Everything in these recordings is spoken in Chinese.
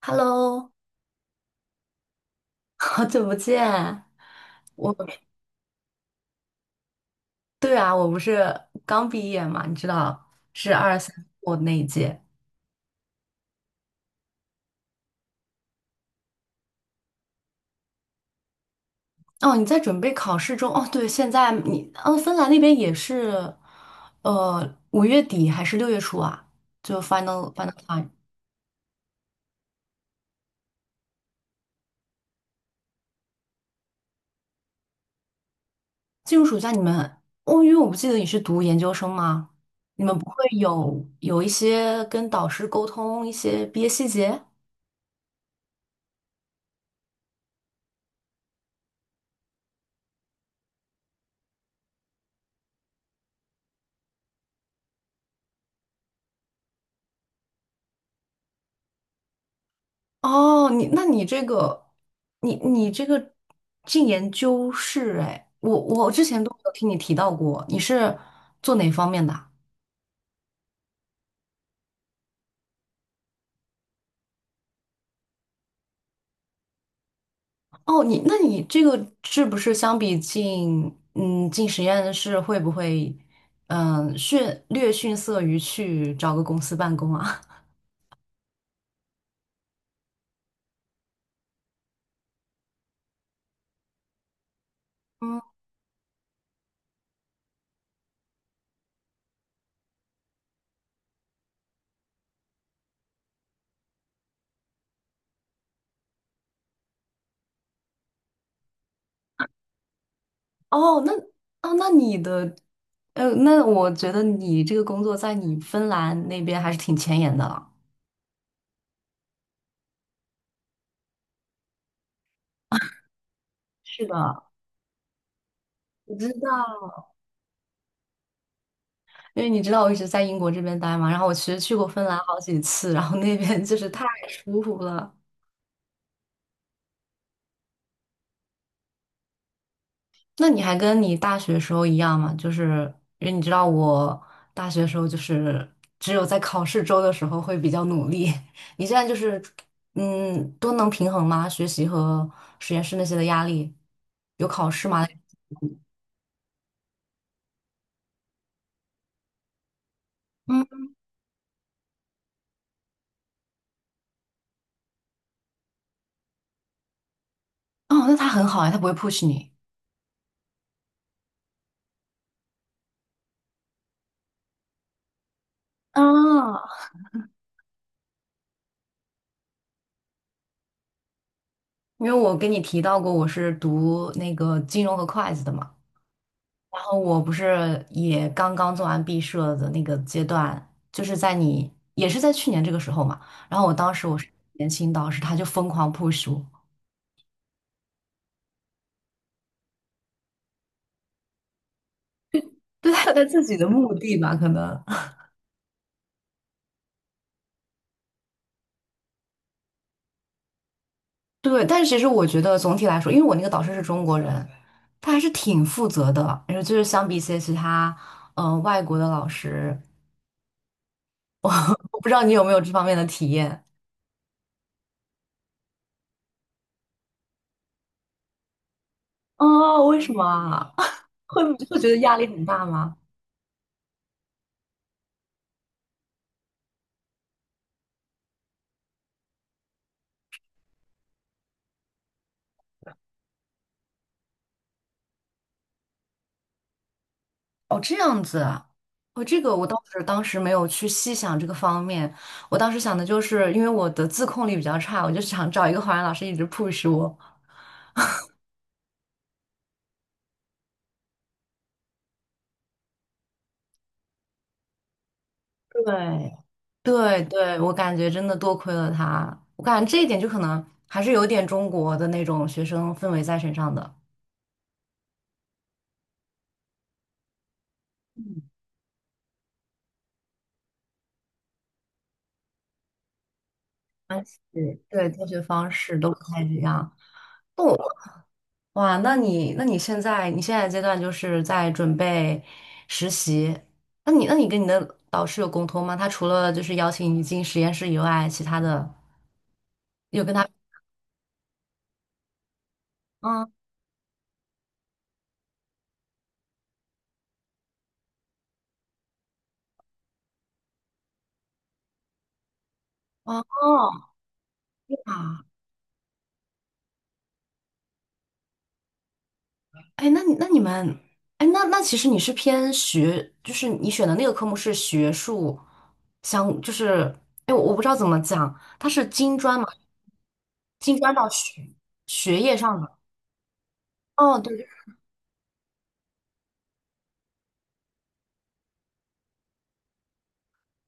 Hello，好久不见。我，对啊，我不是刚毕业嘛，你知道，是二三我那一届。哦，你在准备考试中。哦，对，现在你，哦，芬兰那边也是，五月底还是六月初啊？就 final time 进入暑假，你们，哦，因为我不记得你是读研究生吗？你们不会有一些跟导师沟通一些毕业细节？哦，你那你这个，你这个进研究室。哎，我之前都没有听你提到过，你是做哪方面的啊？哦，你那你这个是不是相比进实验室会不会嗯逊略逊色于去找个公司办公啊？嗯。哦，那哦那你的呃，那我觉得你这个工作在你芬兰那边还是挺前沿的了。是的，我知道。因为你知道我一直在英国这边待嘛，然后我其实去过芬兰好几次，然后那边就是太舒服了。那你还跟你大学时候一样吗？就是因为你知道我大学时候就是只有在考试周的时候会比较努力，你现在就是都能平衡吗？学习和实验室那些的压力，有考试吗？嗯。哦，那他很好哎，他不会 push 你。啊，因为我跟你提到过我是读那个金融和会计的嘛。然后我不是也刚刚做完毕设的那个阶段，就是在你也是在去年这个时候嘛。然后我当时我是年轻导师，他就疯狂 push 我，对他有他自己的目的吧，可能对。但是其实我觉得总体来说，因为我那个导师是中国人，他还是挺负责的。然后就是相比一些其他外国的老师，我不知道你有没有这方面的体验。哦？为什么啊？会会觉得压力很大吗？哦，这样子啊。哦，这个我倒是当时没有去细想这个方面，我当时想的就是，因为我的自控力比较差，我就想找一个华人老师一直 push 我。对，对对，我感觉真的多亏了他，我感觉这一点就可能还是有点中国的那种学生氛围在身上的，关系。对，教学方式都不太一样。那我，哇，那你那你现在你现在阶段就是在准备实习，那你那你跟你的导师有沟通吗？他除了就是邀请你进实验室以外，其他的有跟他嗯哦啊，哎，那你那你们，哎，那那其实你是偏学，就是你选的那个科目是学术相，就是哎，我我不知道怎么讲，它是金砖嘛，金砖到学学业上的。哦，对。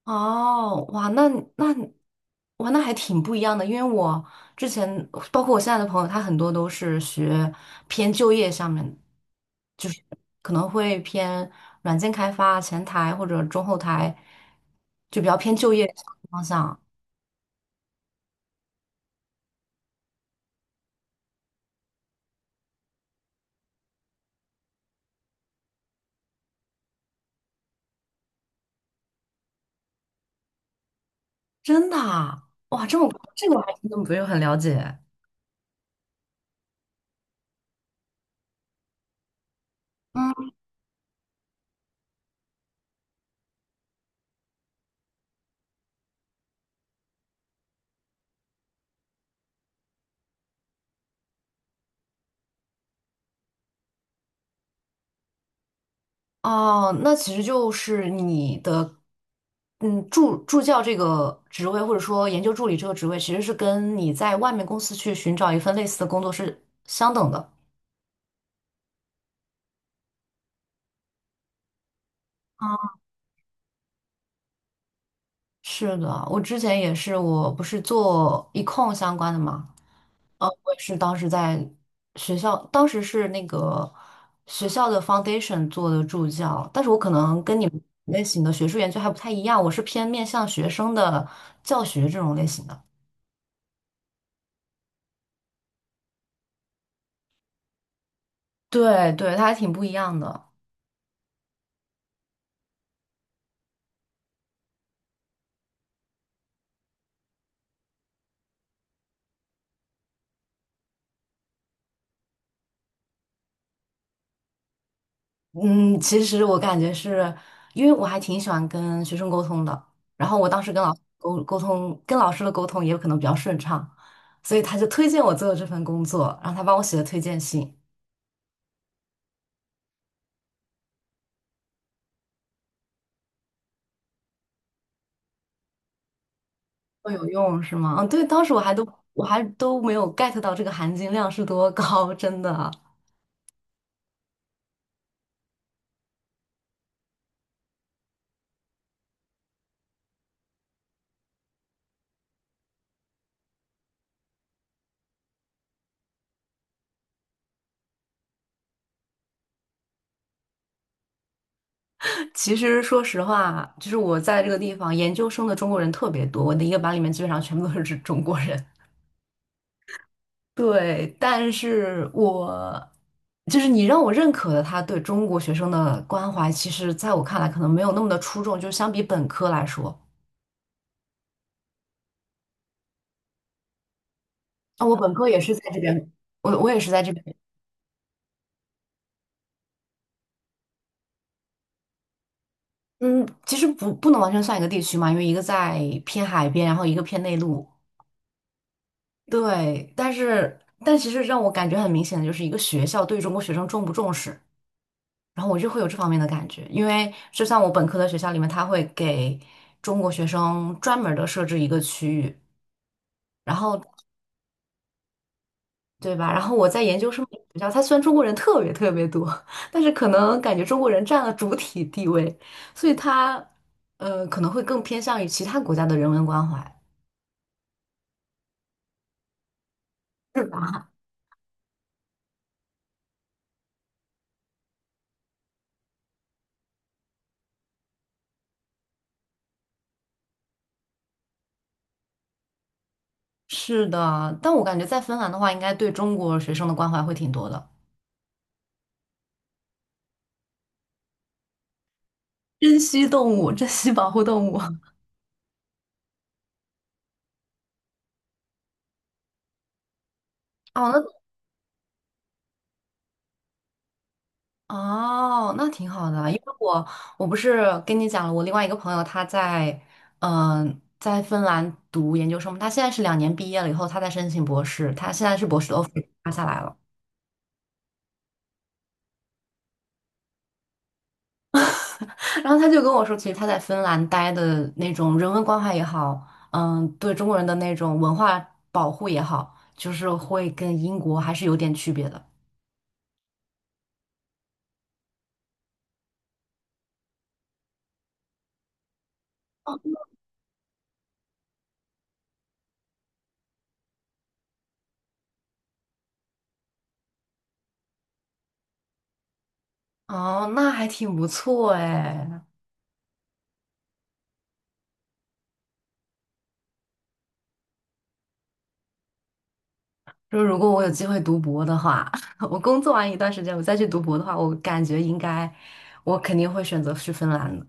哦，哇，那，那，哇，那还挺不一样的，因为我之前包括我现在的朋友，他很多都是学偏就业上面，就是可能会偏软件开发、前台或者中后台，就比较偏就业方向。真的啊，哇，这么，这个我还真的不有很了解。嗯。哦，那其实就是你的，嗯，助教这个职位，或者说研究助理这个职位，其实是跟你在外面公司去寻找一份类似的工作是相等的。啊。是的，我之前也是，我不是做 econ 相关的嘛，呃，我也是当时在学校，当时是那个学校的 foundation 做的助教，但是我可能跟你们类型的学术研究还不太一样，我是偏面向学生的教学这种类型的。对对，他还挺不一样的。嗯，其实我感觉是因为我还挺喜欢跟学生沟通的，然后我当时跟老师沟通，跟老师的沟通也有可能比较顺畅，所以他就推荐我做这份工作，然后他帮我写了推荐信。都有用是吗？嗯，对，当时我还都没有 get 到这个含金量是多高，真的。其实说实话，就是我在这个地方研究生的中国人特别多，我的一个班里面基本上全部都是中国人。对，但是我就是你让我认可的他对中国学生的关怀，其实在我看来可能没有那么的出众，就相比本科来说。啊，我本科也是在这边，我我也是在这边。嗯，其实不能完全算一个地区嘛，因为一个在偏海边，然后一个偏内陆。对，但是但其实让我感觉很明显的就是一个学校对中国学生重不重视，然后我就会有这方面的感觉，因为就像我本科的学校里面，他会给中国学生专门的设置一个区域。然后对吧？然后我在研究生学校，它虽然中国人特别特别多，但是可能感觉中国人占了主体地位，所以它可能会更偏向于其他国家的人文关怀。是吧？是的，但我感觉在芬兰的话，应该对中国学生的关怀会挺多的。珍稀动物，珍稀保护动物。哦，那，哦，那挺好的，因为我，我不是跟你讲了，我另外一个朋友他在在芬兰读研究生，他现在是两年毕业了以后，他在申请博士，他现在是博士的 offer 发下来了。然后他就跟我说，其实他在芬兰待的那种人文关怀也好，对中国人的那种文化保护也好，就是会跟英国还是有点区别的。哦，那还挺不错哎。说如果我有机会读博的话，我工作完一段时间，我再去读博的话，我感觉应该，我肯定会选择去芬兰的。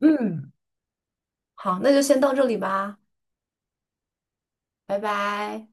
嗯，好，那就先到这里吧，拜拜。